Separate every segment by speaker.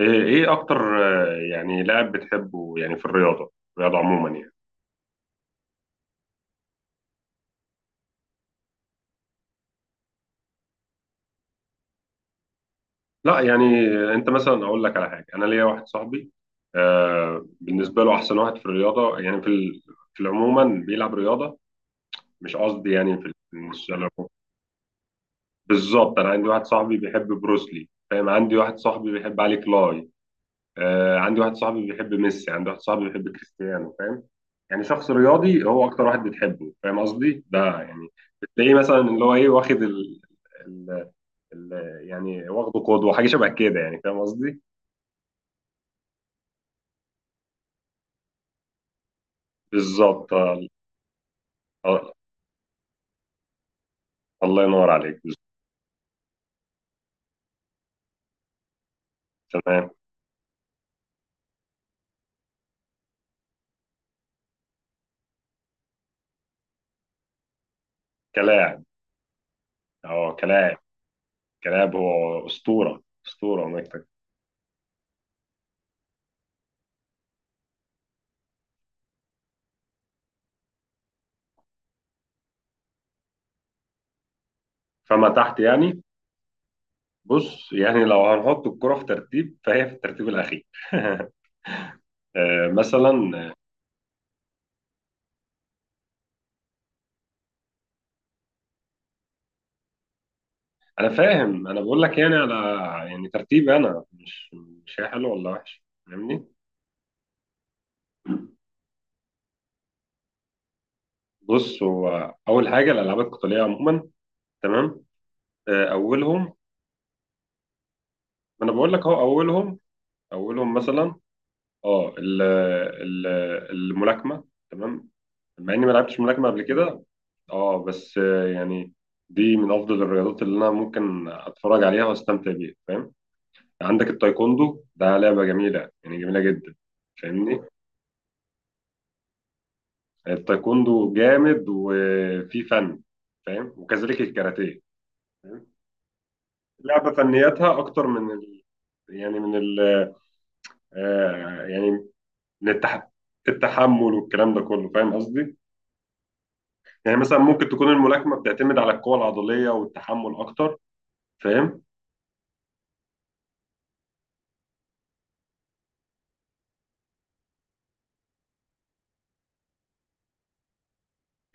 Speaker 1: إيه اكتر. يعني لاعب بتحبه، يعني في الرياضه عموما يعني. لا يعني انت مثلا اقول لك على حاجه، انا ليا واحد صاحبي آه بالنسبه له احسن واحد في الرياضه يعني في العموما بيلعب رياضه، مش قصدي مش بالظبط. انا عندي واحد صاحبي بيحب بروسلي فاهم، عندي واحد صاحبي بيحب علي كلاي آه، عندي واحد صاحبي بيحب ميسي، عندي واحد صاحبي بيحب كريستيانو فاهم. يعني شخص رياضي هو اكتر واحد بتحبه فاهم قصدي ده يعني. بتلاقيه مثلا اللي هو ايه واخد ال... ال... يعني واخده قدوة، حاجة شبه كده يعني، فاهم قصدي؟ بالظبط آه، آه، الله ينور عليك بالظبط. تمام. كلاعب، اه كلاعب. كلاعب هو أسطورة، أسطورة ومكتب. فما تحت يعني. بص يعني لو هنحط الكرة في ترتيب فهي في الترتيب الأخير مثلا. انا فاهم، انا بقول لك يعني على يعني ترتيب، انا مش هي حلو ولا وحش فاهمني. بص هو اول حاجه الالعاب القتاليه عموما. تمام. اولهم. انا بقول لك اهو اولهم، اولهم مثلا اه ال- الملاكمه. تمام. مع اني ما لعبتش ملاكمه قبل كده. اه بس يعني دي من افضل الرياضات اللي انا ممكن اتفرج عليها واستمتع بيها فاهم. عندك التايكوندو ده لعبه جميله يعني، جميله جدا. فاهمني. التايكوندو جامد وفي فن، فاهم، وكذلك الكاراتيه. فاهم؟ لعبة فنياتها أكتر من يعني من ال... آه يعني من التح... التحمل والكلام ده كله، فاهم قصدي؟ يعني مثلا ممكن تكون الملاكمة بتعتمد على القوة العضلية والتحمل أكتر، فاهم؟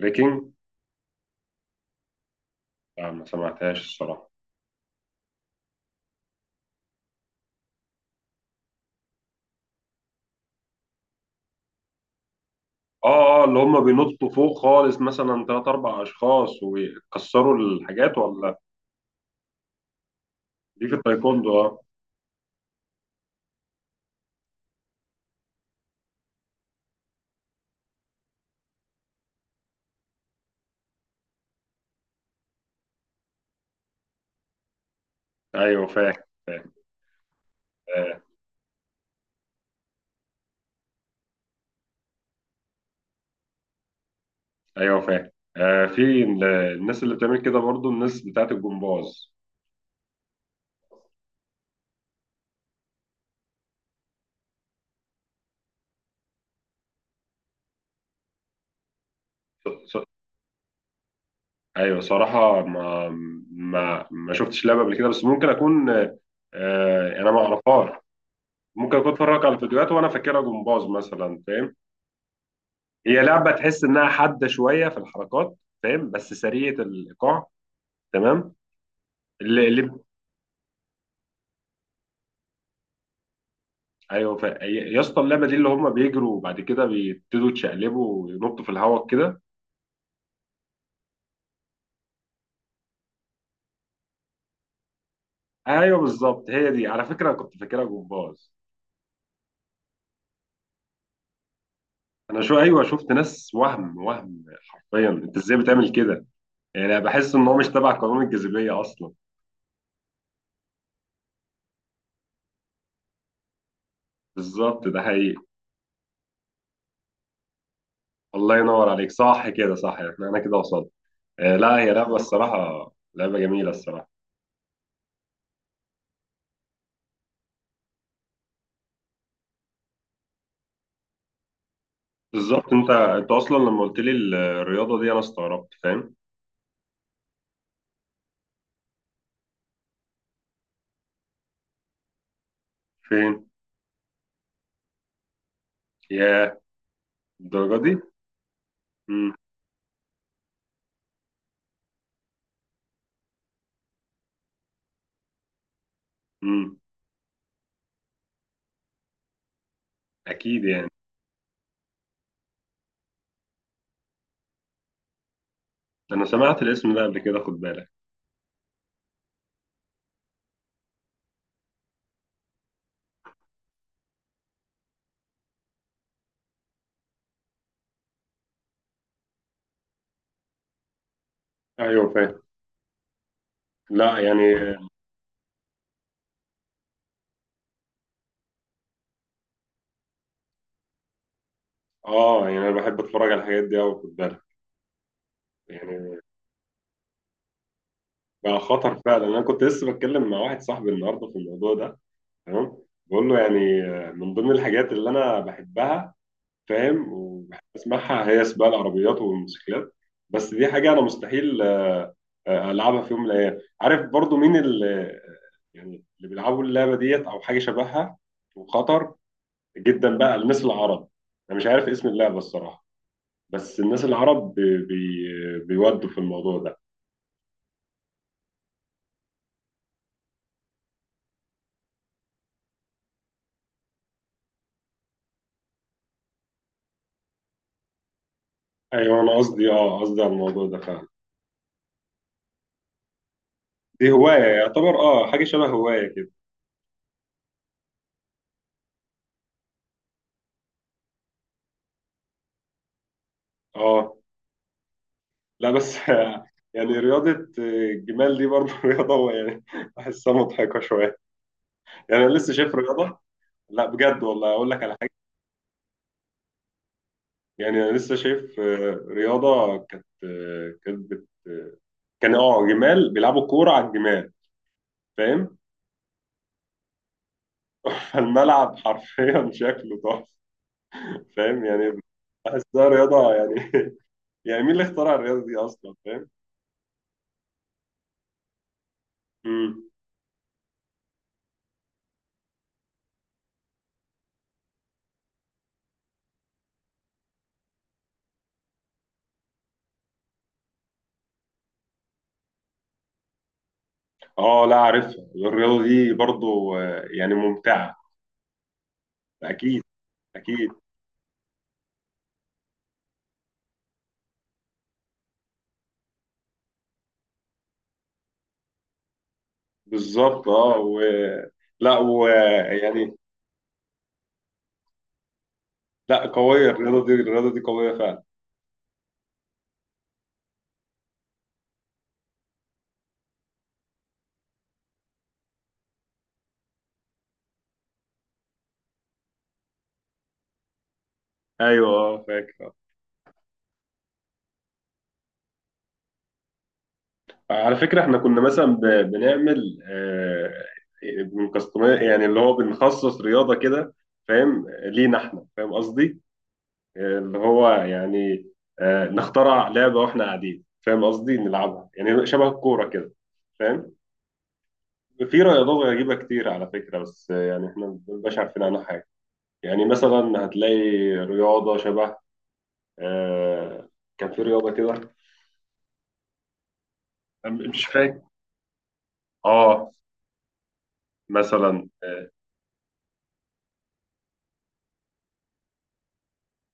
Speaker 1: ريكينج. لا ما سمعتهاش الصراحة. اه اه اللي هم بينطوا فوق خالص، مثلا ثلاث اربع اشخاص ويكسروا الحاجات ولا. دي في التايكوندو اه. ايوه فاهم فاهم. آه، ايوه فاهم. آه في الناس اللي بتعمل كده برضو، الناس بتاعت الجمباز. ص- ص- ايوه صراحه ما شفتش لعبه قبل كده، بس ممكن اكون آه. انا ما اعرفهاش. ممكن اكون اتفرج على الفيديوهات وانا فاكرها جمباز مثلا، فاهم. هي لعبه تحس انها حاده شويه في الحركات، فاهم، بس سريعه الايقاع. تمام. اللي ايوه يا اسطى اللعبه دي اللي هم بيجروا وبعد كده بيبتدوا يتشقلبوا وينطوا في الهواء كده. ايوه بالظبط، هي دي على فكره انا كنت فاكرها جمباز. انا شو ايوه شفت ناس وهم حرفيا، انت ازاي بتعمل كده؟ يعني انا بحس ان هو مش تبع قانون الجاذبيه اصلا. بالظبط ده حقيقي. الله ينور عليك، صح كده صح، احنا انا كده وصلت. آه لا هي لعبه الصراحه، لعبه جميله الصراحه. بالظبط، انت اصلا لما قلت لي الرياضه دي انا استغربت، فاهم؟ فين؟ يا، الدرجه دي. امم امم اكيد يعني. انا سمعت الاسم ده قبل كده خد بالك. ايوه فاهم. لا يعني اه. يعني انا بحب اتفرج على الحاجات دي قوي، خد بالك. يعني بقى خطر فعلا، انا كنت لسه بتكلم مع واحد صاحبي النهارده في الموضوع ده. تمام. بقول له يعني، من ضمن الحاجات اللي انا بحبها فاهم، وبحب اسمعها هي سباق العربيات والموتوسيكلات. بس دي حاجه انا مستحيل العبها في يوم من الايام، عارف برضو مين اللي يعني اللي بيلعبوا اللعبه ديت او حاجه شبهها، وخطر جدا بقى الناس العرب. انا مش عارف اسم اللعبه الصراحه، بس الناس العرب بي بي بيودوا في الموضوع ده. ايوه انا قصدي اه قصدي على الموضوع ده فعلا. دي هواية يعتبر، اه حاجة شبه هواية كده. اه لا بس يعني رياضة، الجمال دي برضه رياضة يعني. بحسها مضحكة شوية، يعني أنا لسه شايف رياضة. لا بجد والله أقول لك على حاجة. يعني أنا لسه شايف رياضة كانت آه، كانت بت... آه، كان اه جمال بيلعبوا كورة على الجمال فاهم. فالملعب حرفيا شكله تحفة، فاهم يعني. بحسها رياضة يعني يعني مين اللي اخترع الرياضة دي أصلا فاهم. مم. اه لا عارفها الرياضة دي برضو، يعني ممتعة. أكيد. أكيد. بالظبط اه و. لا و يعني. لا قوية الرياضة دي، الرياضة دي قوية فعلا. أيوه اه فاكر. على فكرة احنا كنا مثلا بنعمل بنكستمايز، يعني اللي هو بنخصص رياضة كده، فاهم لينا احنا، فاهم قصدي. اللي هو يعني نخترع لعبة واحنا قاعدين، فاهم قصدي، نلعبها يعني شبه الكورة كده، فاهم. في رياضات غريبة كتير على فكرة، بس يعني احنا ما بنبقاش عارفين عنها حاجة. يعني مثلا هتلاقي رياضة شبه آه، كان في رياضة كده. مش فاكر. اه مثلا.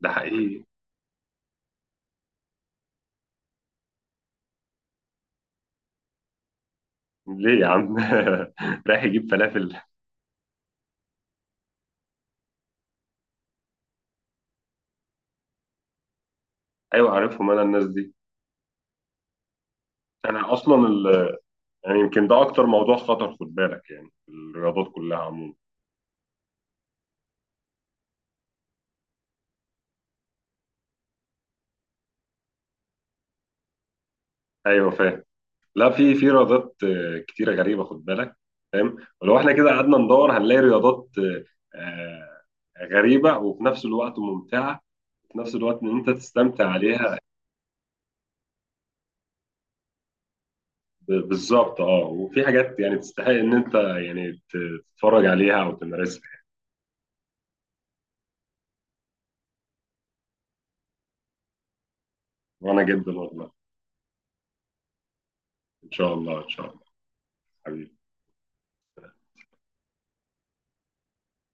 Speaker 1: ده حقيقي. ليه يا عم؟ رايح يجيب فلافل. ايوه عارفهم انا الناس دي. انا اصلا يعني يمكن ده اكتر موضوع خطر خد بالك، يعني في الرياضات كلها عموما. ايوه فاهم. لا في رياضات كتيرة غريبة خد بالك، فاهم. ولو احنا كده قعدنا ندور هنلاقي رياضات غريبة وفي نفس الوقت ممتعة، وفي نفس الوقت ان انت تستمتع عليها. بالظبط اه، وفي حاجات يعني تستحق ان انت تتفرج عليها او تمارسها. وانا جدا والله. ان شاء الله ان شاء الله. حبيبي.